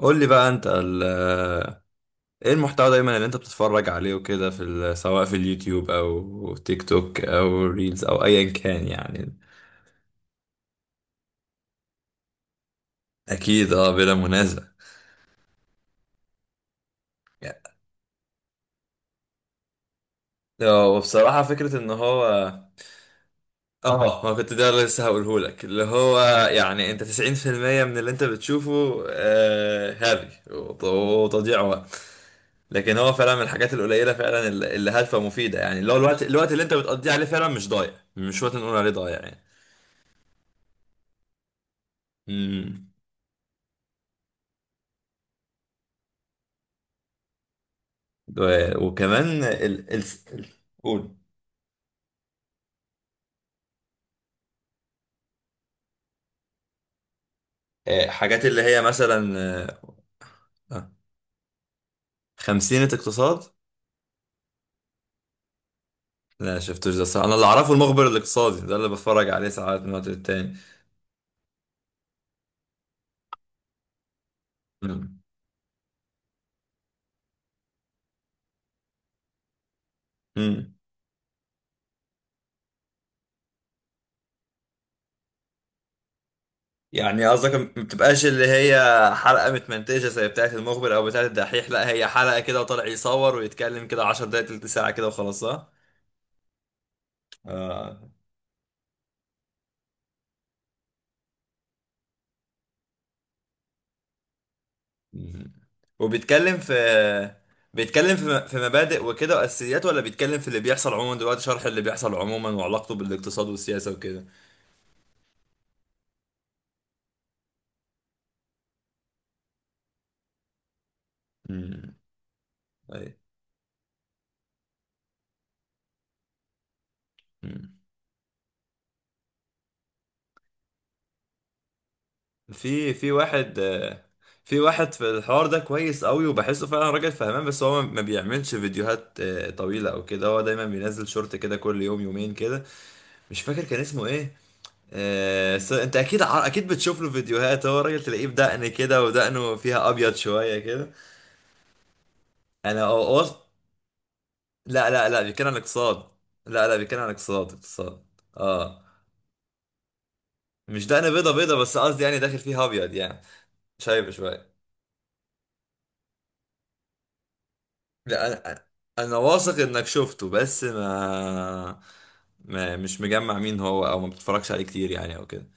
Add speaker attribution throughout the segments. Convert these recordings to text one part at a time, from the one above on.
Speaker 1: قول لي بقى انت ايه المحتوى دايما اللي انت بتتفرج عليه وكده سواء في اليوتيوب او تيك توك او ريلز او ايا كان يعني. اكيد، اه، بلا منازع. يعني هو بصراحة فكرة ان هو، اه ما كنت، ده لسه هقوله لك اللي هو. يعني انت 90% من اللي انت بتشوفه هري وتضييع وقت. لكن هو فعلا من الحاجات القليلة فعلا اللي هادفة ومفيدة، يعني اللي هو الوقت اللي انت بتقضيه عليه فعلا مش ضايع، مش وقت نقول عليه ضايع. يعني وكمان ال... ال... قول. آه، حاجات اللي هي مثلا. آه، آه، خمسينة اقتصاد. لا شفتوش ده، الصراحة انا اللي اعرفه المخبر الاقتصادي ده اللي بتفرج عليه ساعات من وقت للتاني. مم. مم. يعني قصدك ما بتبقاش اللي هي حلقة متمنتجة زي بتاعة المخبر او بتاعة الدحيح، لا هي حلقة كده وطالع يصور ويتكلم كده 10 دقايق تلت ساعة كده وخلاص، صح؟ آه. مم. وبيتكلم في بيتكلم في في مبادئ وكده واساسيات، ولا بيتكلم في اللي بيحصل عموما دلوقتي، شرح اللي بيحصل عموما وعلاقته بالاقتصاد والسياسة وكده. مم. أي. مم. في واحد في واحد في الحوار ده كويس قوي، وبحسه فعلا راجل فهمان، بس هو ما بيعملش فيديوهات طويلة او كده، هو دايما بينزل شورت كده كل يوم يومين كده. مش فاكر كان اسمه ايه. انت اكيد بتشوف له فيديوهات، هو راجل تلاقيه بدقن كده، ودقنه فيها ابيض شوية كده. انا أوص... لا لا لا، بيتكلم عن الاقتصاد. لا لا، بيتكلم عن الاقتصاد، اقتصاد. اه، مش دقن بيضة بيضة، بس قصدي يعني داخل فيها ابيض يعني. شايب شوية. لا، انا انا واثق انك شفته، بس ما... ما مش مجمع مين هو، او ما بتتفرجش عليه كتير يعني او كده.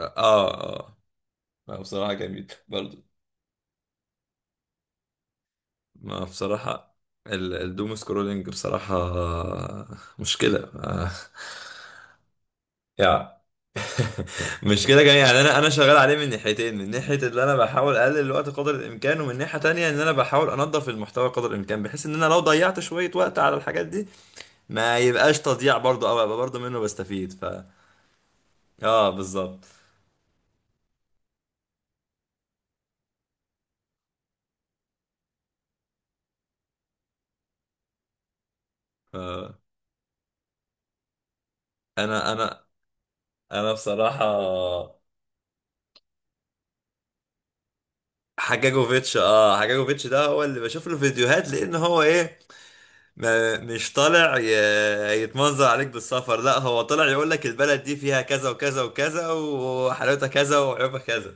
Speaker 1: اه اه. ما بصراحة جميل برضو. ما بصراحة الدوم سكرولينج بصراحة، مشكلة يعني. مش كده كمان، يعني انا شغال عليه من ناحيتين، من ناحيه اللي انا بحاول اقلل الوقت قدر الامكان، ومن ناحيه تانية ان انا بحاول انظف المحتوى قدر الامكان، بحيث ان انا لو ضيعت شويه وقت على الحاجات دي ما يبقاش تضييع برضه، او ابقى برضه منه بستفيد. ف اه، بالظبط. ف... انا انا انا بصراحه، حجاجوفيتش ده هو اللي بشوف له فيديوهات، لان هو ايه، ما مش طالع يتمنظر عليك بالسفر، لا هو طالع يقول لك البلد دي فيها كذا وكذا وكذا، وحلاوتها كذا، وعيوبها كذا.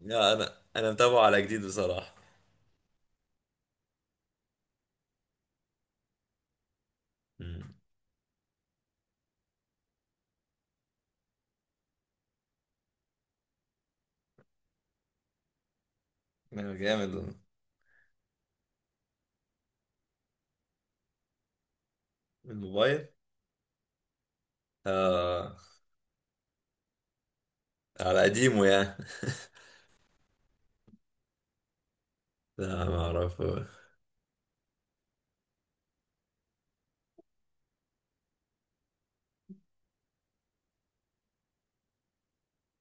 Speaker 1: لا، انا متابعه على جديد بصراحة. مم. أنا جامد. الموبايل. آه، على قديمه يعني. لا، ما اعرفه.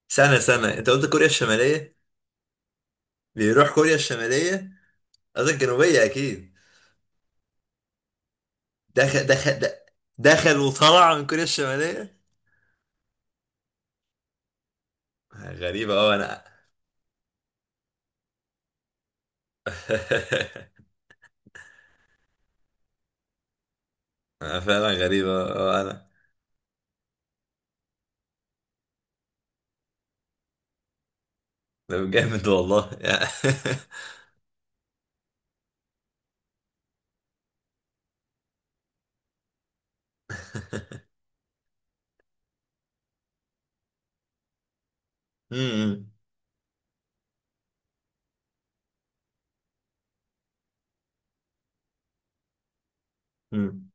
Speaker 1: سنة سنة، انت قلت كوريا الشمالية؟ بيروح كوريا الشمالية؟ قصدك الجنوبية اكيد. دخل، دخل، دخل وطلع من كوريا الشمالية. غريبة اوي انا أنا فعلا غريبة، أنا. ده جامد والله أمم، أمم.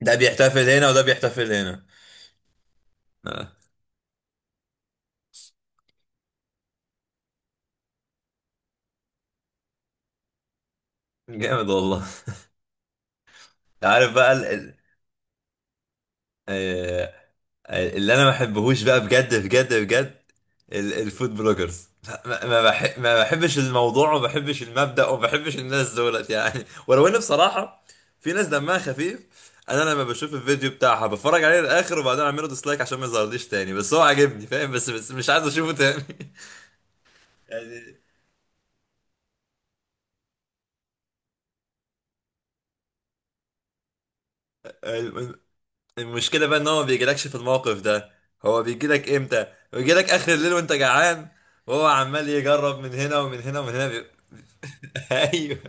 Speaker 1: ده بيحتفل هنا وده بيحتفل هنا. آه، جامد والله. أنت عارف بقى ال... ال... آه، آه، اللي أنا ما بحبهوش بقى بجد بجد بجد، الفود بلوجرز. لا، ما بحبش الموضوع، وما بحبش المبدأ، وما بحبش الناس دولت يعني ولو إن بصراحة في ناس دمها خفيف. انا لما بشوف الفيديو بتاعها بتفرج عليه للاخر، وبعدين اعمله ديسلايك عشان ما يظهرليش تاني. بس هو عاجبني فاهم، بس مش عايز اشوفه تاني. يعني الم- المشكلة بقى ان هو ما بيجيلكش في الموقف ده، هو بيجيلك امتى؟ بيجيلك اخر الليل وانت جعان، وهو عمال يجرب من هنا ومن هنا ومن هنا ايوه.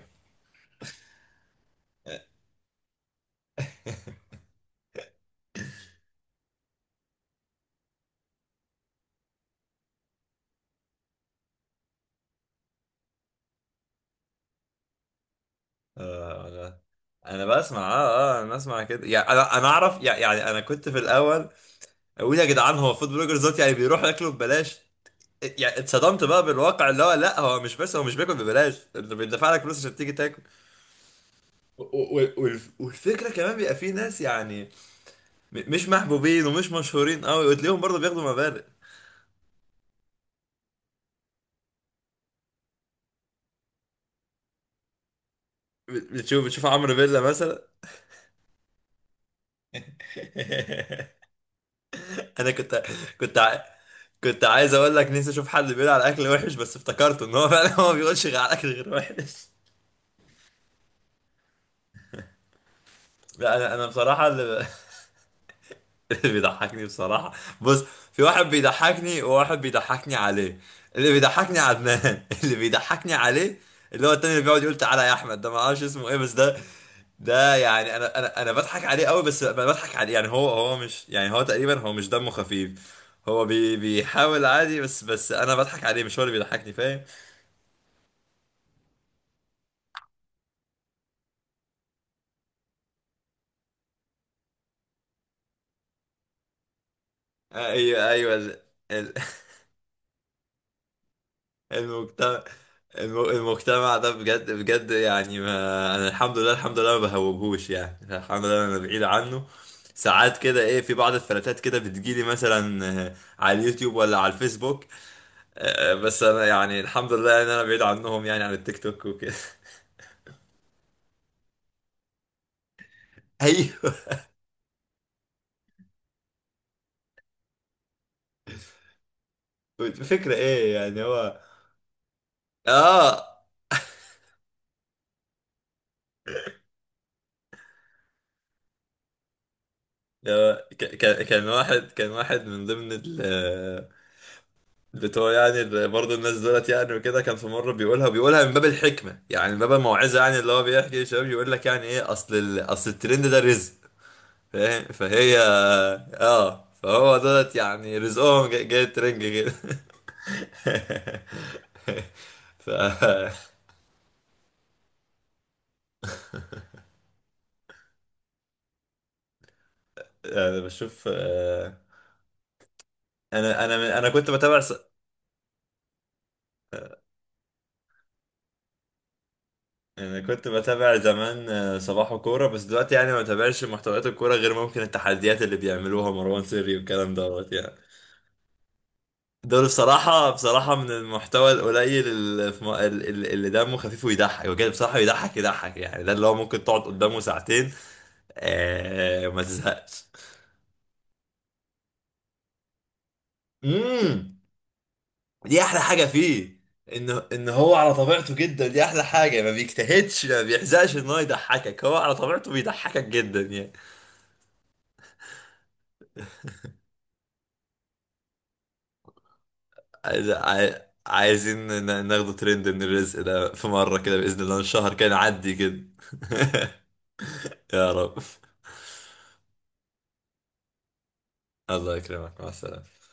Speaker 1: آه، انا بسمع. اه انا بسمع كده يعني، انا اعرف يعني، انا كنت في الاول اقول يا جدعان، هو فود بلوجرز دوت يعني بيروحوا ياكلوا ببلاش. يعني اتصدمت بقى بالواقع اللي هو لا، هو مش بس هو مش بياكل ببلاش، انت بيدفع لك فلوس عشان تيجي تاكل. والفكرة كمان بيبقى في ناس يعني مش محبوبين ومش مشهورين قوي، وتلاقيهم برضه بياخدوا مبالغ. بتشوف عمرو فيلا مثلا انا كنت ع... كنت عايز اقول لك نفسي اشوف حد بيقول على اكل وحش، بس افتكرت ان هو فعلا هو ما بيقولش غير على اكل غير وحش. لا، انا بصراحه اللي بيضحكني بصراحة. بص، في واحد بيضحكني، وواحد بيضحكني عليه. اللي بيضحكني عدنان اللي بيضحكني عليه اللي هو التاني، اللي بيقعد يقول تعالى يا احمد، ده ما اعرفش اسمه ايه، بس ده يعني انا بضحك عليه قوي، بس بضحك عليه. يعني هو مش، يعني هو تقريبا، هو مش دمه خفيف. هو بيحاول عادي، بس انا بضحك عليه، مش هو اللي بيضحكني، فاهم. آه، ايوه ايوه، ال... المجتمع، المجتمع ده بجد بجد يعني، ما انا الحمد لله، الحمد لله ما بهوبهوش يعني، الحمد لله انا بعيد عنه. ساعات كده ايه، في بعض الفلاتات كده بتجيلي مثلا على اليوتيوب ولا على الفيسبوك. آه، آه، بس انا يعني الحمد لله ان انا بعيد عنهم، يعني عن التيك توك وكده ايوه. الفكرة ايه يعني، هو اه كان واحد من ضمن ال بتوع، يعني برضه الناس دولت يعني وكده. كان في مره بيقولها من باب الحكمه، يعني من باب الموعظه، يعني اللي هو بيحكي للشباب يقول لك يعني ايه، اصل اصل الترند ده رزق، فاهم، فهي. اه، فهو دولت يعني رزقهم جاي الترند كده. ف انا بشوف انا انا من- انا كنت بتابع س... انا كنت بتابع زمان صباح كوره. بس دلوقتي يعني ما بتابعش محتويات الكوره غير ممكن التحديات اللي بيعملوها مروان سري والكلام دوت يعني. دول بصراحة، بصراحة من المحتوى القليل، اللي, في م... اللي اللي دمه خفيف ويضحك بجد بصراحة، يضحك يضحك يعني، ده اللي هو ممكن تقعد قدامه ساعتين آه، ما تزهقش. امم دي احلى حاجة فيه، ان هو على طبيعته جدا، دي احلى حاجة، ما بيجتهدش، ما بيحزقش ان هو يضحكك، هو على طبيعته بيضحكك جدا يعني. عايز- عاي- عايزين ناخده ترند من الرزق ده في مرة كده بإذن الله، الشهر كان عدي كده يا رب. الله يكرمك، مع السلامة.